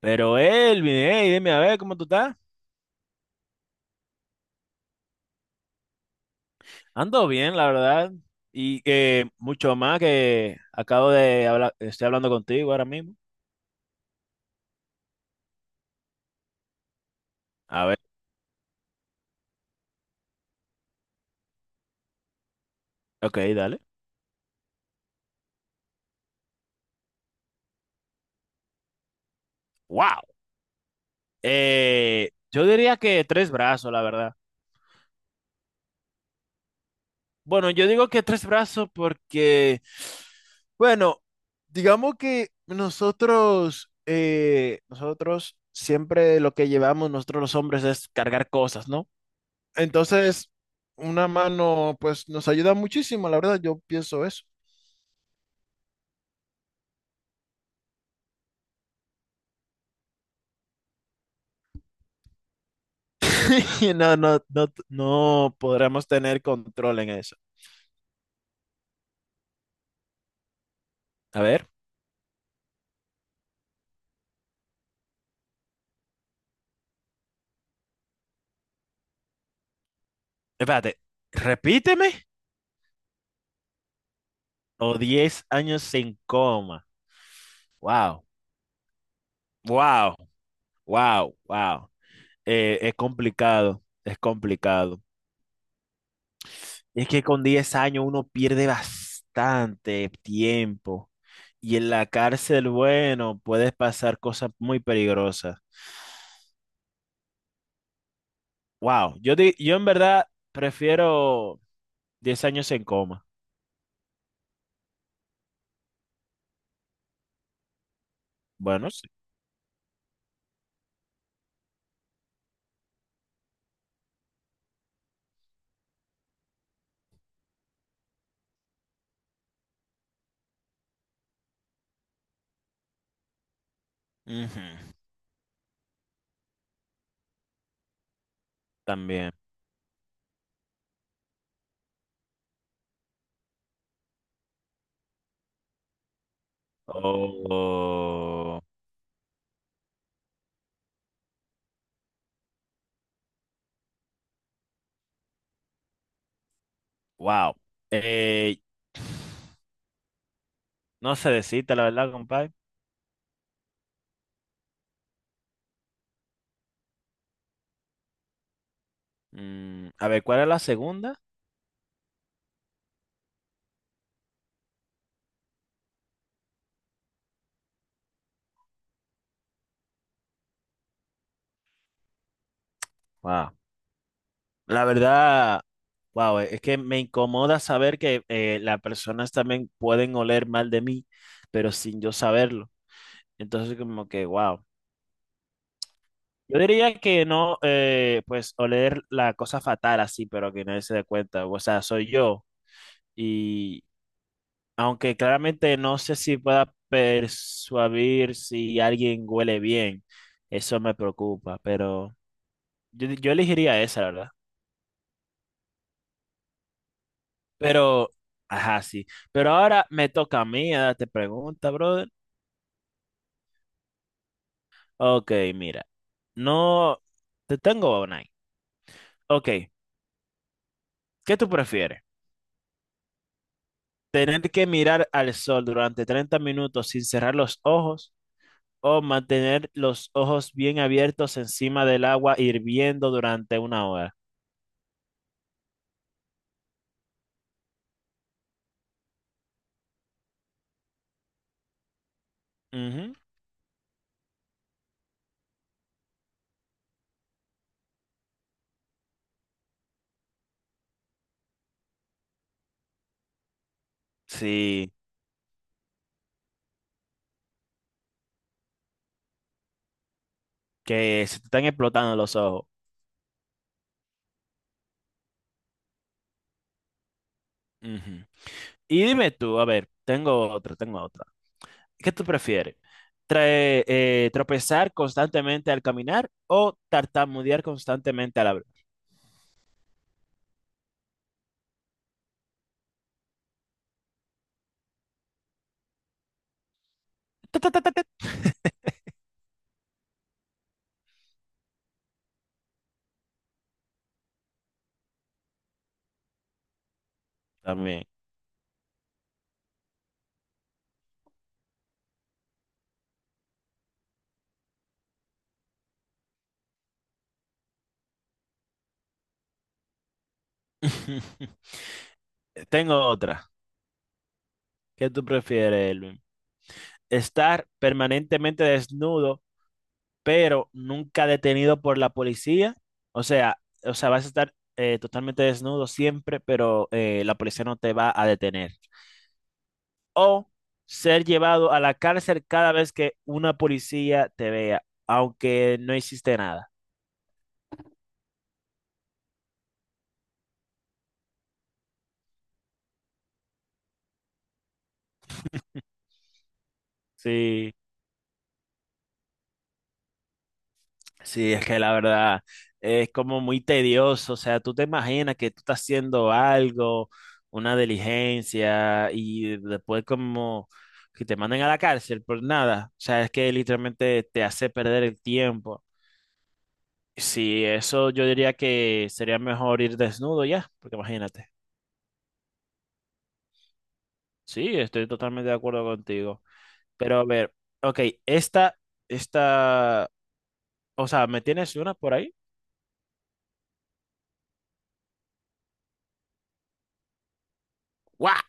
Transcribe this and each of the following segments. Pero Elvin, hey, dime a ver cómo tú estás. Ando bien, la verdad. Y mucho más que acabo de hablar, estoy hablando contigo ahora mismo. A ver, ok, dale. ¡Wow! Yo diría que tres brazos, la verdad. Bueno, yo digo que tres brazos porque, bueno, digamos que nosotros siempre lo que llevamos nosotros los hombres es cargar cosas, ¿no? Entonces, una mano, pues nos ayuda muchísimo, la verdad, yo pienso eso. Y no, no, no, no podremos tener control en eso. A ver, espérate, repíteme. O 10 años sin coma. Wow, wow, wow, wow. Es complicado, es complicado. Es que con 10 años uno pierde bastante tiempo. Y en la cárcel, bueno, puedes pasar cosas muy peligrosas. Wow, yo en verdad prefiero 10 años en coma. Bueno, sí. Ujú. También. Oh, wow. Eh, no sé decirte la verdad, compadre. A ver, ¿cuál es la segunda? Wow. La verdad, wow, es que me incomoda saber que las personas también pueden oler mal de mí, pero sin yo saberlo. Entonces, como que, wow. Yo diría que no, pues oler la cosa fatal así, pero que nadie se dé cuenta. O sea, soy yo. Y aunque claramente no sé si pueda persuadir si alguien huele bien, eso me preocupa, pero yo elegiría esa, la verdad. Pero, ajá, sí. Pero ahora me toca a mí a darte pregunta, brother. Ok, mira. No, te tengo una ahí. Ok, ¿qué tú prefieres? Tener que mirar al sol durante 30 minutos sin cerrar los ojos o mantener los ojos bien abiertos encima del agua hirviendo durante una hora. Ujú. Sí, que se te están explotando los ojos. Ujú. Y dime tú, a ver, tengo otra, tengo otra. ¿Qué tú prefieres? ¿Tropezar constantemente al caminar o tartamudear constantemente al hablar? Ta, ta, ta, ta, ta. También. Tengo otra. ¿Qué tú prefieres, estar permanentemente desnudo, pero nunca detenido por la policía? O sea, vas a estar totalmente desnudo siempre, pero la policía no te va a detener. O ser llevado a la cárcel cada vez que una policía te vea, aunque no hiciste nada. Sí. Sí, es que la verdad es como muy tedioso, o sea, tú te imaginas que tú estás haciendo algo, una diligencia y después como que te manden a la cárcel por nada, o sea, es que literalmente te hace perder el tiempo. Sí, eso yo diría que sería mejor ir desnudo ya, porque imagínate. Sí, estoy totalmente de acuerdo contigo. Pero a ver, ok, esta, esta, o sea, ¿me tienes una por ahí? ¡Guau!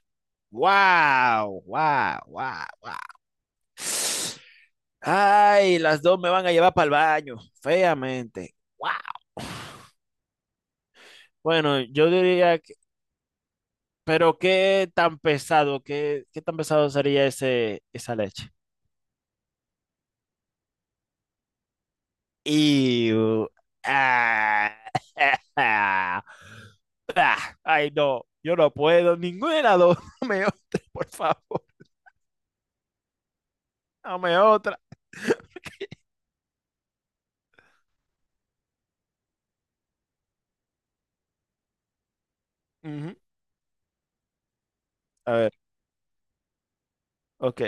¡Wow! ¡Wow! ¡Wow! ¡Wow! Ay, las dos me van a llevar para el baño, feamente. Wow. Bueno, yo diría que, pero qué tan pesado, qué tan pesado sería esa leche. Y Ay, no, yo no puedo, ninguna de las dos. Dame otra, por favor, dame otra. Ujú. A ver, ok.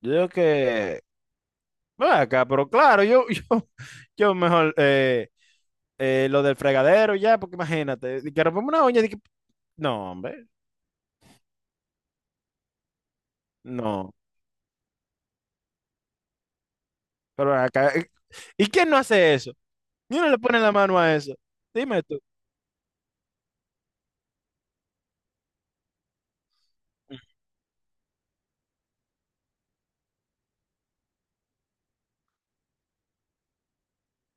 Yo digo que, bueno, acá, pero claro, yo, yo, yo mejor, lo del fregadero y ya, porque imagínate, de que rompemos una uña, no, hombre, no, pero acá, ¿y quién no hace eso? ¿Y uno le pone la mano a eso? Dime tú.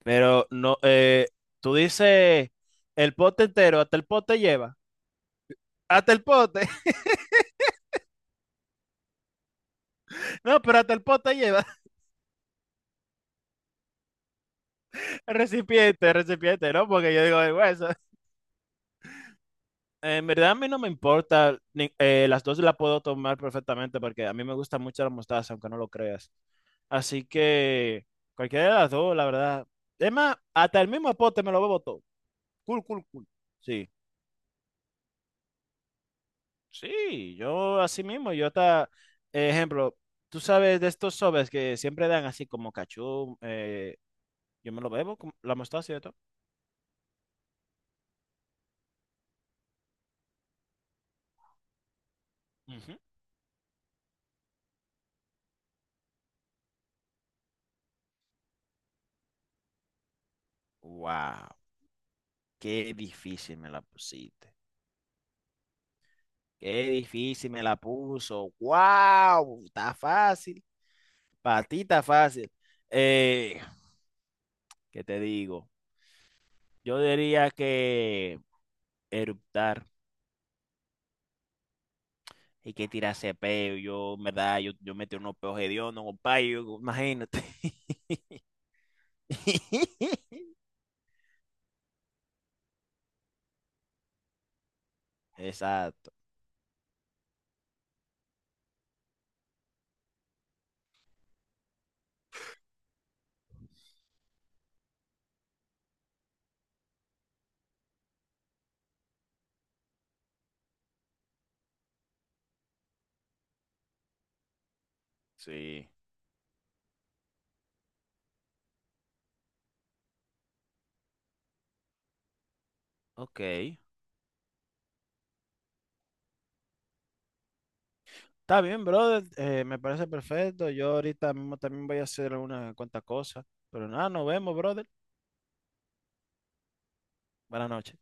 Pero no, tú dices el pote entero, hasta el pote lleva. Hasta el pote. No, pero hasta el pote lleva. El recipiente, ¿no? Porque yo digo, "Ay, güey, eso- En verdad a mí no me importa. Las dos las puedo tomar perfectamente porque a mí me gusta mucho la mostaza, aunque no lo creas. Así que cualquiera de las dos, la verdad. Es más, hasta el mismo pote me lo bebo todo. Cool, cool, cool. Sí, sí, yo así mismo, yo hasta, ejemplo, tú sabes de estos sobres que siempre dan así como cachú, yo me lo bebo, con la mostaza y todo. Ujú. Wow, qué difícil me la pusiste. Qué difícil me la puso. Wow, está fácil. Para ti está fácil. Eh, ¿qué te digo? Yo diría que eruptar. Y que tirarse peo. Yo, en verdad, yo metí unos peos hediondos, compadre. Imagínate. Exacto. Sí. Ok. Está bien, brother. Me parece perfecto. Yo ahorita mismo también voy a hacer unas cuantas cosas. Pero nada, nos vemos, brother. Buenas noches.